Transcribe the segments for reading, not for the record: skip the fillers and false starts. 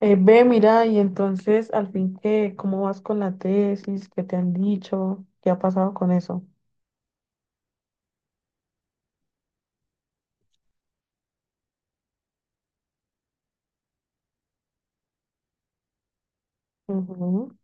Ve, mira, y entonces al fin qué, ¿cómo vas con la tesis? ¿Qué te han dicho? ¿Qué ha pasado con eso? Ujú.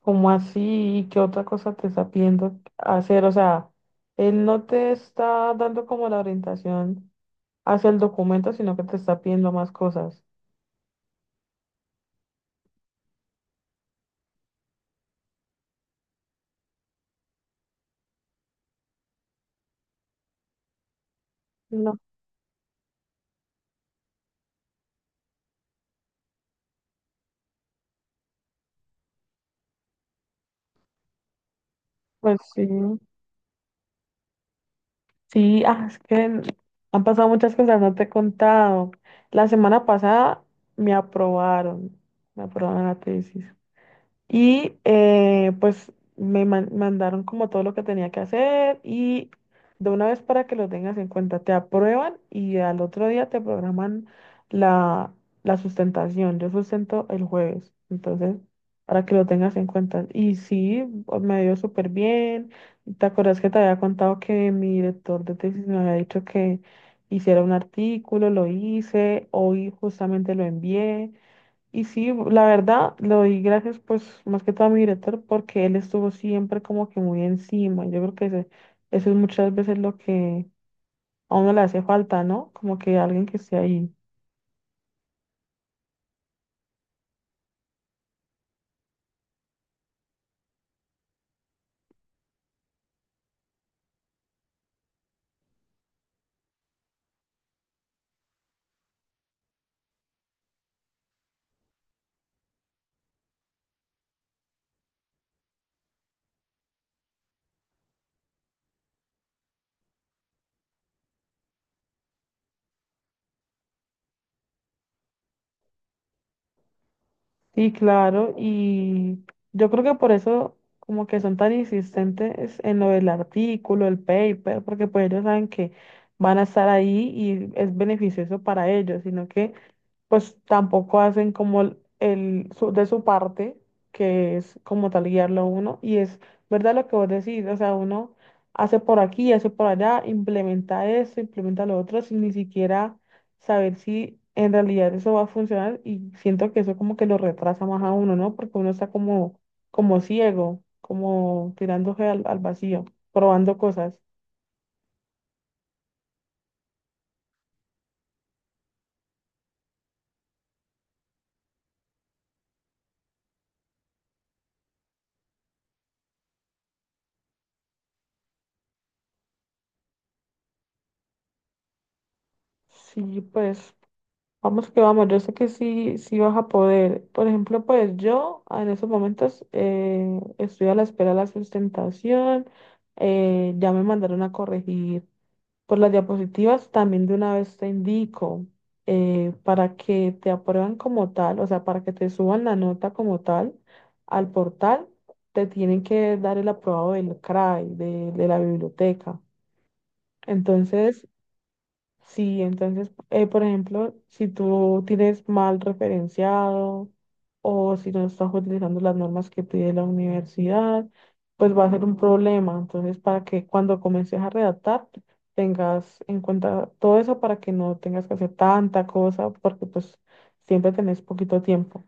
¿Cómo así? ¿Qué otra cosa te está pidiendo hacer? O sea, él no te está dando como la orientación hacia el documento, sino que te está pidiendo más cosas. No, pues sí. Sí, ah, es que han pasado muchas cosas, no te he contado. La semana pasada me aprobaron, me aprobaron la tesis. Y pues me mandaron como todo lo que tenía que hacer y de una vez para que lo tengas en cuenta, te aprueban y al otro día te programan la, la sustentación. Yo sustento el jueves, entonces para que lo tengas en cuenta. Y sí, me dio súper bien. ¿Te acuerdas que te había contado que mi director de tesis me había dicho que hiciera un artículo? Lo hice, hoy justamente lo envié. Y sí, la verdad, le doy gracias pues más que todo a mi director porque él estuvo siempre como que muy encima. Yo creo que eso es muchas veces lo que a uno le hace falta, ¿no? Como que alguien que esté ahí. Sí, claro, y yo creo que por eso como que son tan insistentes en lo del artículo, el paper, porque pues ellos saben que van a estar ahí y es beneficioso para ellos, sino que pues tampoco hacen como de su parte, que es como tal guiarlo a uno, y es verdad lo que vos decís, o sea, uno hace por aquí, hace por allá, implementa esto, implementa lo otro, sin ni siquiera saber si en realidad eso va a funcionar, y siento que eso como que lo retrasa más a uno, ¿no? Porque uno está como, como ciego, como tirándose al vacío, probando cosas. Sí, pues. Vamos que vamos, yo sé que sí, sí vas a poder. Por ejemplo, pues yo en esos momentos estoy a la espera de la sustentación, ya me mandaron a corregir por las diapositivas, también de una vez te indico para que te aprueban como tal, o sea, para que te suban la nota como tal al portal, te tienen que dar el aprobado del CRAI, de la biblioteca. Entonces. Sí, entonces, por ejemplo, si tú tienes mal referenciado o si no estás utilizando las normas que pide la universidad, pues va a ser un problema. Entonces, para que cuando comiences a redactar, tengas en cuenta todo eso para que no tengas que hacer tanta cosa, porque pues siempre tenés poquito tiempo.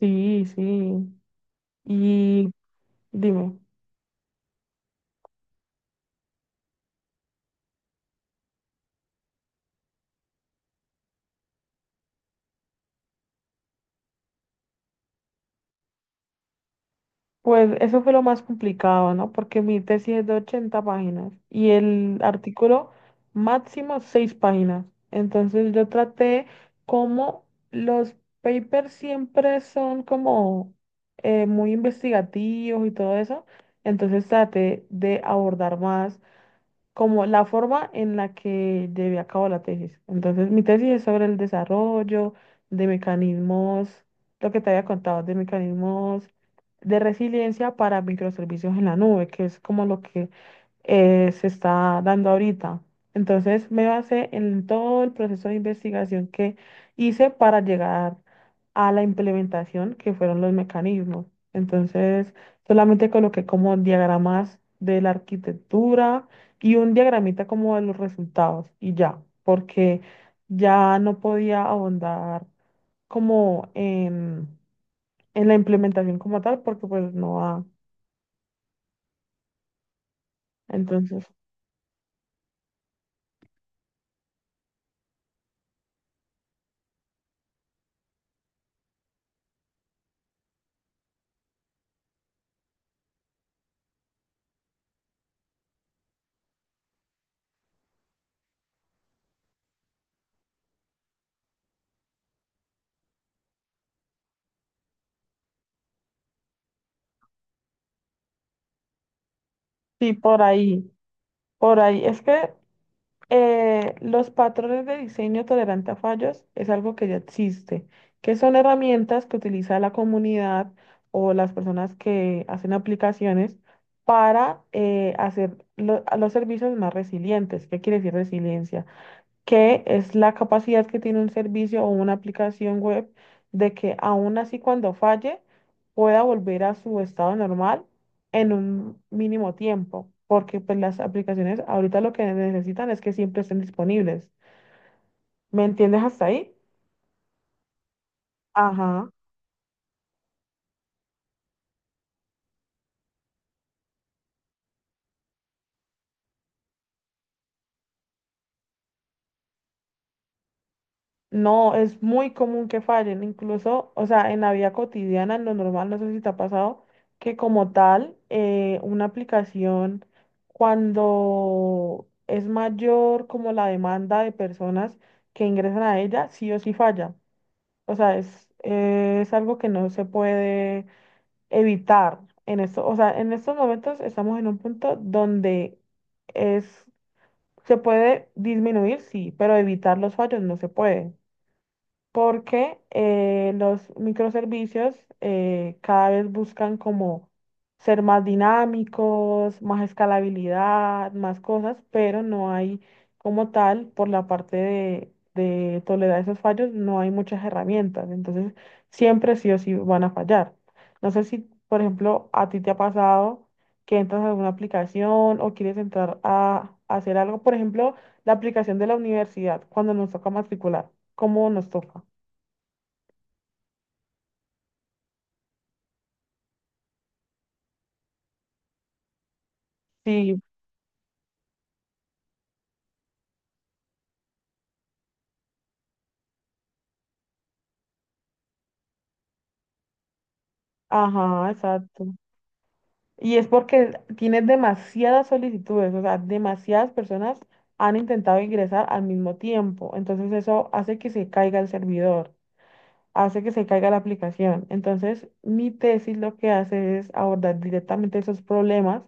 Sí, sí. Y dime. Pues eso fue lo más complicado, ¿no? Porque mi tesis es de 80 páginas y el artículo máximo 6 páginas. Entonces yo traté como los papers siempre son como muy investigativos y todo eso. Entonces traté de abordar más como la forma en la que llevé a cabo la tesis. Entonces, mi tesis es sobre el desarrollo de mecanismos, lo que te había contado, de mecanismos de resiliencia para microservicios en la nube, que es como lo que se está dando ahorita. Entonces, me basé en todo el proceso de investigación que hice para llegar a la implementación, que fueron los mecanismos. Entonces, solamente coloqué como diagramas de la arquitectura y un diagramita como de los resultados y ya, porque ya no podía ahondar como en, la implementación como tal, porque pues no va. Entonces, sí, por ahí, por ahí. Es que los patrones de diseño tolerante a fallos es algo que ya existe, que son herramientas que utiliza la comunidad o las personas que hacen aplicaciones para hacer a los servicios más resilientes. ¿Qué quiere decir resiliencia? Que es la capacidad que tiene un servicio o una aplicación web de que aún así cuando falle pueda volver a su estado normal en un mínimo tiempo, porque pues las aplicaciones ahorita lo que necesitan es que siempre estén disponibles. ¿Me entiendes hasta ahí? Ajá. No, es muy común que fallen, incluso, o sea, en la vida cotidiana, en lo normal, no sé si te ha pasado, que como tal, una aplicación, cuando es mayor como la demanda de personas que ingresan a ella, sí o sí falla. O sea, es algo que no se puede evitar en esto. O sea, en estos momentos estamos en un punto donde es, se puede disminuir, sí, pero evitar los fallos no se puede porque los microservicios cada vez buscan como ser más dinámicos, más escalabilidad, más cosas, pero no hay como tal, por la parte de tolerar esos fallos, no hay muchas herramientas, entonces siempre sí o sí van a fallar. No sé si, por ejemplo, a ti te ha pasado que entras a alguna aplicación o quieres entrar a hacer algo, por ejemplo, la aplicación de la universidad cuando nos toca matricular, ¿cómo nos toca? Sí, ajá, exacto. Y es porque tienes demasiadas solicitudes, o sea, demasiadas personas han intentado ingresar al mismo tiempo. Entonces eso hace que se caiga el servidor, hace que se caiga la aplicación. Entonces mi tesis lo que hace es abordar directamente esos problemas,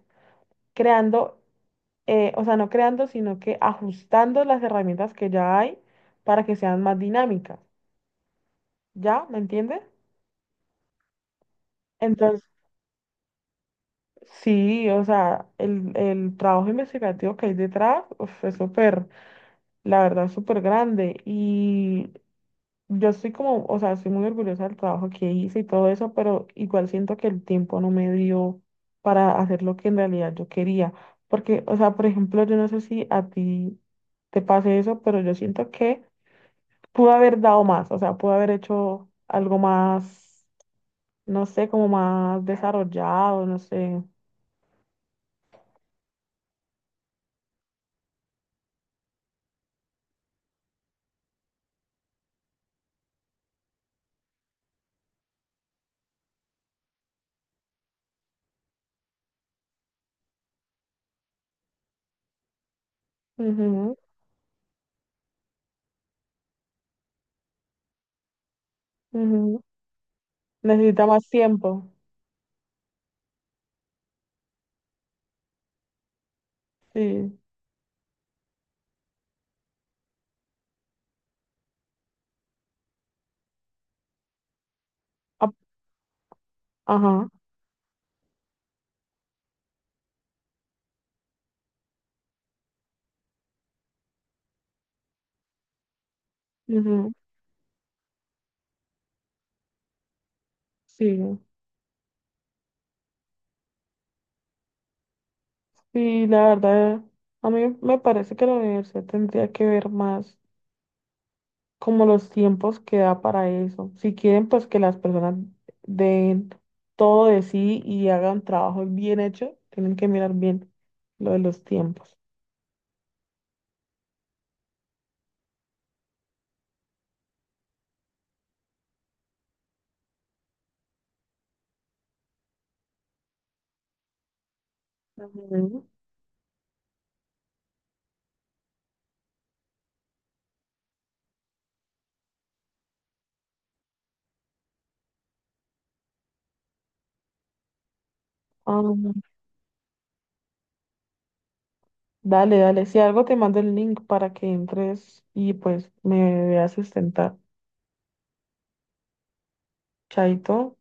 creando, o sea, no creando, sino que ajustando las herramientas que ya hay para que sean más dinámicas. ¿Ya? ¿Me entiendes? Entonces sí, o sea, el trabajo investigativo que hay detrás uf, es súper, la verdad, súper grande. Y yo estoy como, o sea, estoy muy orgullosa del trabajo que hice y todo eso, pero igual siento que el tiempo no me dio para hacer lo que en realidad yo quería. Porque, o sea, por ejemplo, yo no sé si a ti te pase eso, pero yo siento que pude haber dado más, o sea, pude haber hecho algo más, no sé, como más desarrollado, no sé. Ujú, ujú. Necesita más tiempo. Sí. Ap- Ajá. Ujú, sí. Sí, la verdad, a mí me parece que la universidad tendría que ver más como los tiempos que da para eso. Si quieren, pues que las personas den todo de sí y hagan trabajo bien hecho, tienen que mirar bien lo de los tiempos. Ujú. Ah, dale, dale. Si algo te mando el link para que entres y pues me veas sustentar. Chaito.